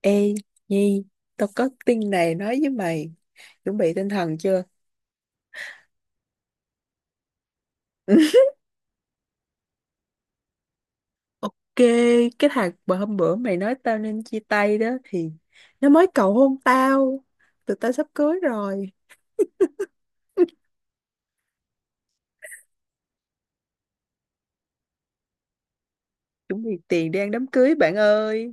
Ê, Nhi, tao có tin này nói với mày, chuẩn bị tinh thần chưa? Ok, cái thằng bữa hôm bữa mày nói tao nên chia tay đó thì nó mới cầu hôn tao, tụi tao sắp cưới rồi, chuẩn bị tiền đi ăn đám cưới bạn ơi.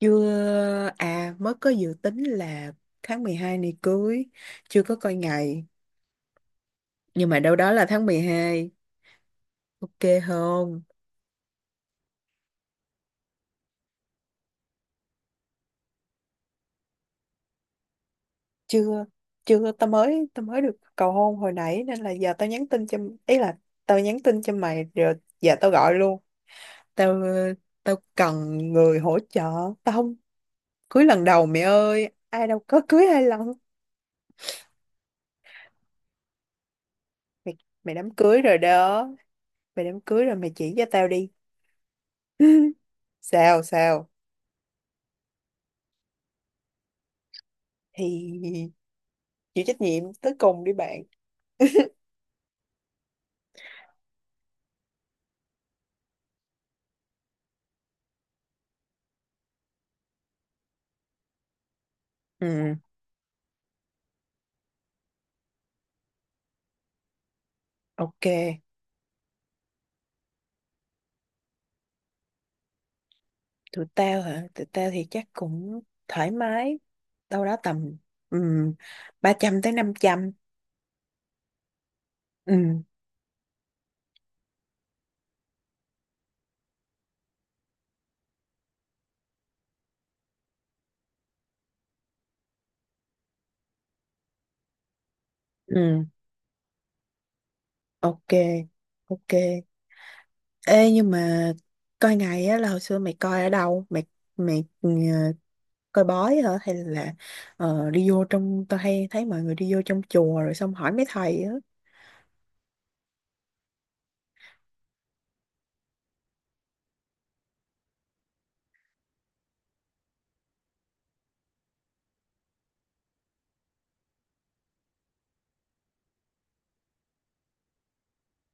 Chưa, à mới có dự tính là tháng 12 này cưới, chưa có coi ngày, nhưng mà đâu đó là tháng 12, ok không? Chưa chưa, tao mới được cầu hôn hồi nãy nên là giờ tao nhắn tin cho, ý là tao nhắn tin cho mày rồi, giờ tao gọi luôn. Tao tao cần người hỗ trợ, tao không cưới lần đầu mẹ ơi, ai đâu có cưới 2 lần. Mày mày đám cưới rồi đó, mày đám cưới rồi mày chỉ cho tao đi. Sao sao thì chịu trách nhiệm tới cùng đi bạn. Ừ, ok. Tụi tao hả, tụi tao thì chắc cũng thoải mái, đâu đó tầm um, 300 tới 500. Ừ, ừ, ok, ok. Ê nhưng mà coi ngày á là hồi xưa mày coi ở đâu mày mày coi bói hả, hay là đi vô trong, tao hay thấy mọi người đi vô trong chùa rồi xong hỏi mấy thầy á.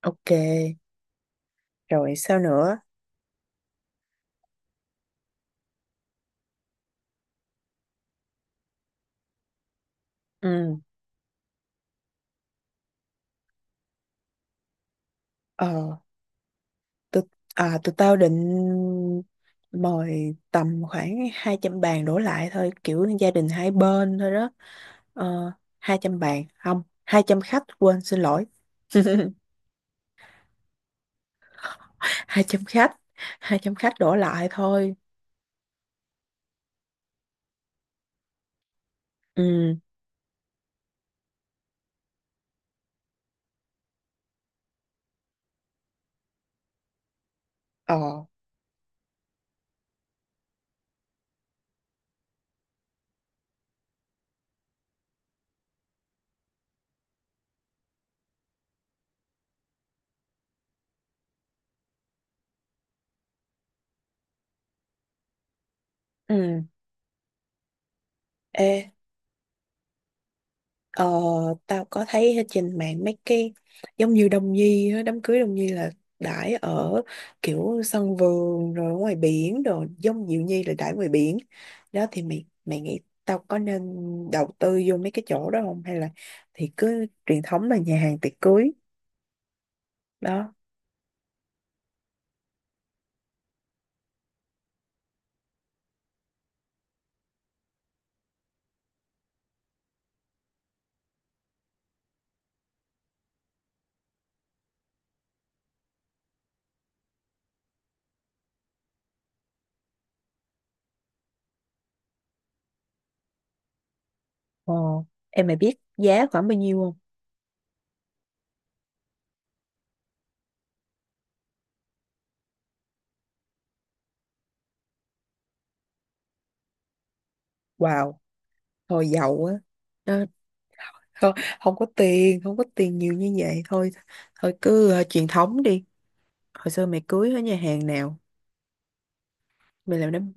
Ok, rồi sao nữa? ừ ờ tụi, tụi tao định mời tầm khoảng 200 bàn đổ lại thôi, kiểu gia đình hai bên thôi đó. Ờ, 200 bàn không, 200 khách, quên, xin lỗi. 200 khách, 200 khách đổ lại thôi. Ừ, ờ, ừ, ê. Ờ, tao có thấy ở trên mạng mấy cái giống như đông nhi á, đám cưới đông nhi là đãi ở kiểu sân vườn rồi ngoài biển rồi, giống diệu nhi là đãi ngoài biển đó, thì mày mày nghĩ tao có nên đầu tư vô mấy cái chỗ đó không, hay là thì cứ truyền thống là nhà hàng tiệc cưới đó. Ồ, em mày biết giá khoảng bao nhiêu không? Wow, thôi giàu á. Đó, không, không có tiền, không có tiền nhiều như vậy thôi, thôi cứ truyền thống đi. Hồi xưa mày cưới ở nhà hàng nào, mày làm đám?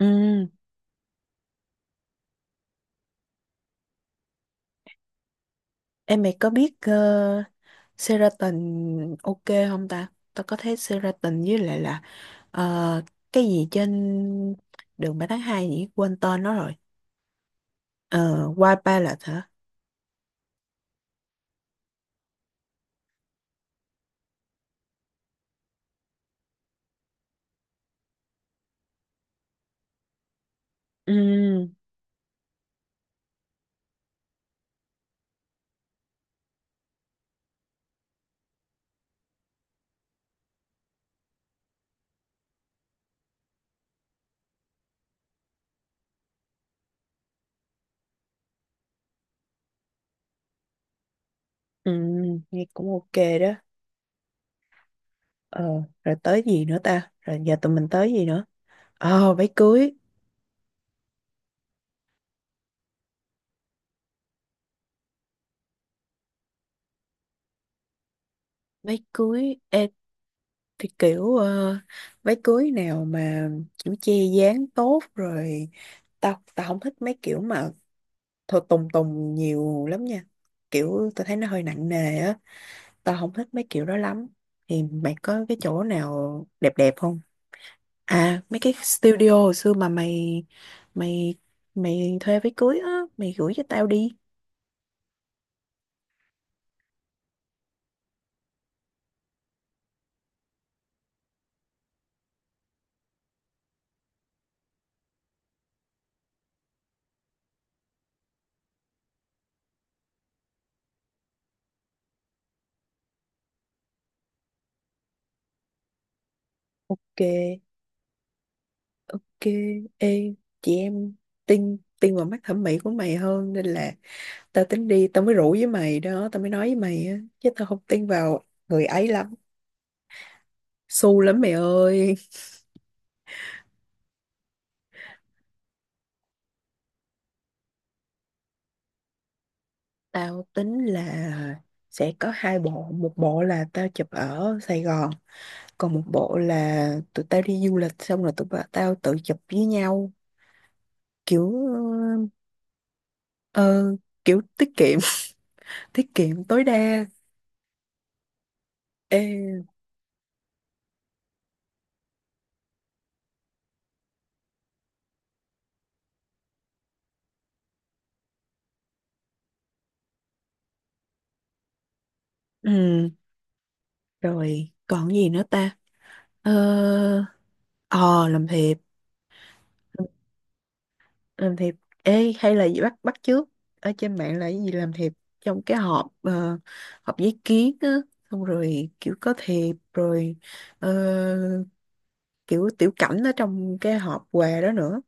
Ừm, em mày có biết Sheraton ok không ta? Tao có thấy Sheraton với lại là ờ, cái gì trên đường 3 tháng 2 nhỉ, quên tên nó rồi. Ờ, White Palace hả? Ừ, ừ, nghe cũng ok đó. Ờ, rồi tới gì nữa ta, rồi giờ tụi mình tới gì nữa? Ờ, váy cưới, váy cưới. Ê, thì kiểu váy cưới nào mà kiểu che dáng tốt rồi. Tao tao không thích mấy kiểu mà thôi, tùng tùng nhiều lắm nha, kiểu tao thấy nó hơi nặng nề á, tao không thích mấy kiểu đó lắm. Thì mày có cái chỗ nào đẹp đẹp không? À mấy cái studio hồi xưa mà mày mày mày thuê váy cưới á, mày gửi cho tao đi. Ok, ok. Ê, chị em, tin tin vào mắt thẩm mỹ của mày hơn, nên là tao tính đi, tao mới rủ với mày đó, tao mới nói với mày á, chứ tao không tin vào người ấy lắm, xu lắm mày ơi. Tao tính là sẽ có hai bộ, một bộ là tao chụp ở Sài Gòn, còn một bộ là tụi tao đi du lịch xong rồi tao tự chụp với nhau, kiểu ờ, kiểu tiết kiệm, tiết kiệm tối đa. Ê, ừ, rồi còn gì nữa ta? Ờ, ờ làm thiệp, làm thiệp. Ê, hay là gì, bắt bắt chước ở trên mạng là cái gì làm thiệp trong cái hộp, hộp giấy kiến á, xong rồi kiểu có thiệp rồi, ờ, kiểu tiểu cảnh ở trong cái hộp quà đó nữa.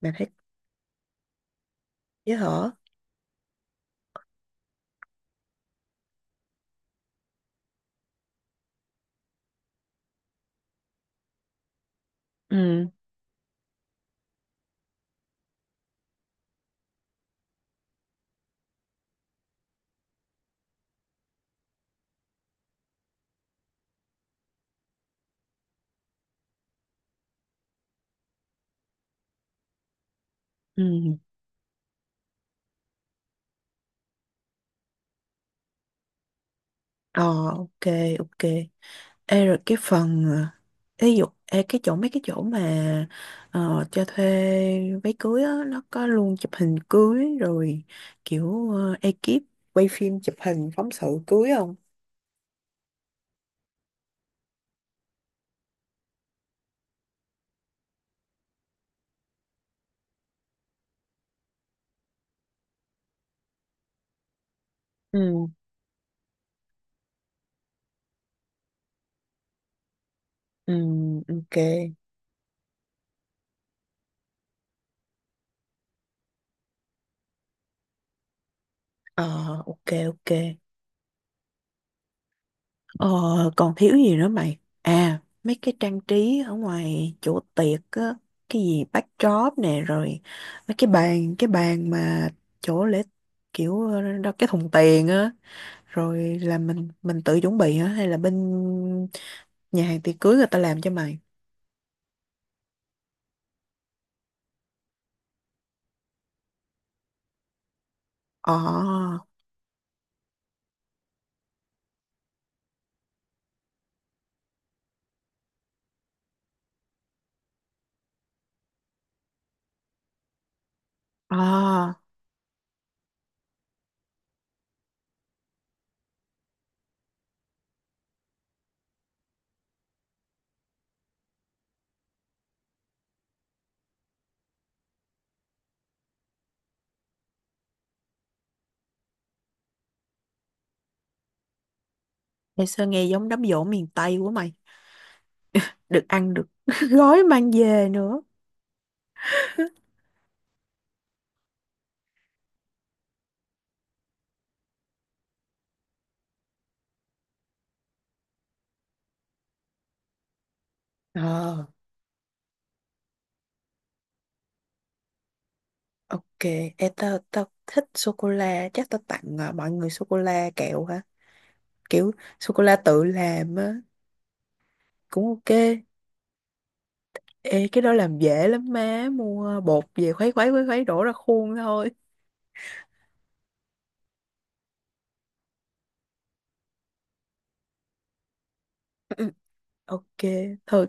Bạn thấy dễ hở? Ừ, ừ, ờ, ok, ok. Ê, rồi cái phần ví dụ ê, cái chỗ mấy cái chỗ mà cho thuê váy cưới á, nó có luôn chụp hình cưới rồi kiểu ekip quay phim chụp hình phóng sự cưới không? Ừ, ừ, ok. Ờ, ok, ok. Ờ còn thiếu gì nữa mày? À mấy cái trang trí ở ngoài chỗ tiệc á, cái gì backdrop nè, rồi mấy cái bàn, cái bàn mà chỗ lễ, kiểu đó, cái thùng tiền á, rồi là mình tự chuẩn bị hả, hay là bên nhà hàng tiệc cưới người ta làm cho mày? Ờ, ờ, hay sao nghe giống đám giỗ miền Tây của mày, được ăn được gói mang về nữa. Ờ, ok. Ê, tao, tao thích sô-cô-la. Chắc tao tặng, à, mọi người sô-cô-la kẹo hả? Kiểu sô-cô-la tự làm á. Cũng ok. Ê, cái đó làm dễ lắm má, mua bột về khuấy khuấy khuấy khuấy đổ ra khuôn thôi. Ok, thôi,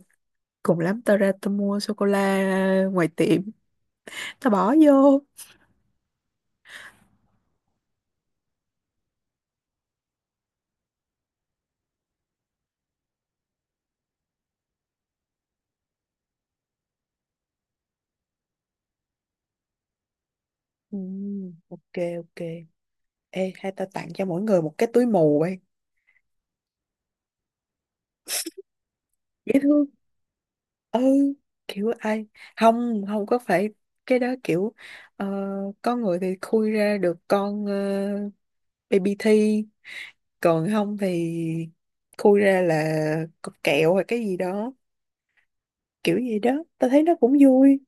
cùng lắm tao ra tao mua sô cô la ngoài tiệm, tao bỏ vô. Ừ, ok, ok. Ê, hay tao tặng cho mỗi người một cái túi mù ấy. Dễ thương. Ừ, kiểu ai, không, không có phải, cái đó kiểu ờ, có người thì khui ra được con baby thi, còn không thì khui ra là cục kẹo hay cái gì đó, kiểu gì đó. Tao thấy nó cũng vui.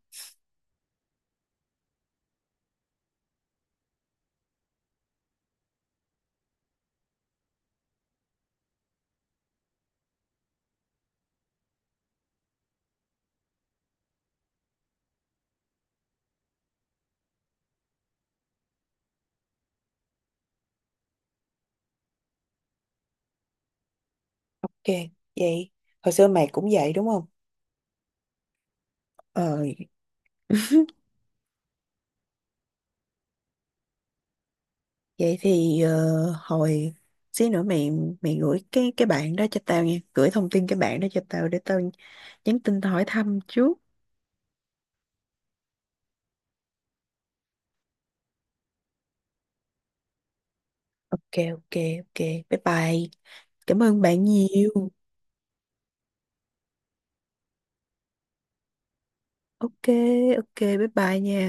Ok, vậy hồi xưa mày cũng vậy đúng không? Ờ. Vậy thì hồi xí nữa mày, mày gửi cái bạn đó cho tao nha, gửi thông tin cái bạn đó cho tao để tao nhắn tin tao hỏi thăm trước. Ok, ok, ok. Bye bye. Cảm ơn bạn nhiều. Ok, ok, bye bye nha.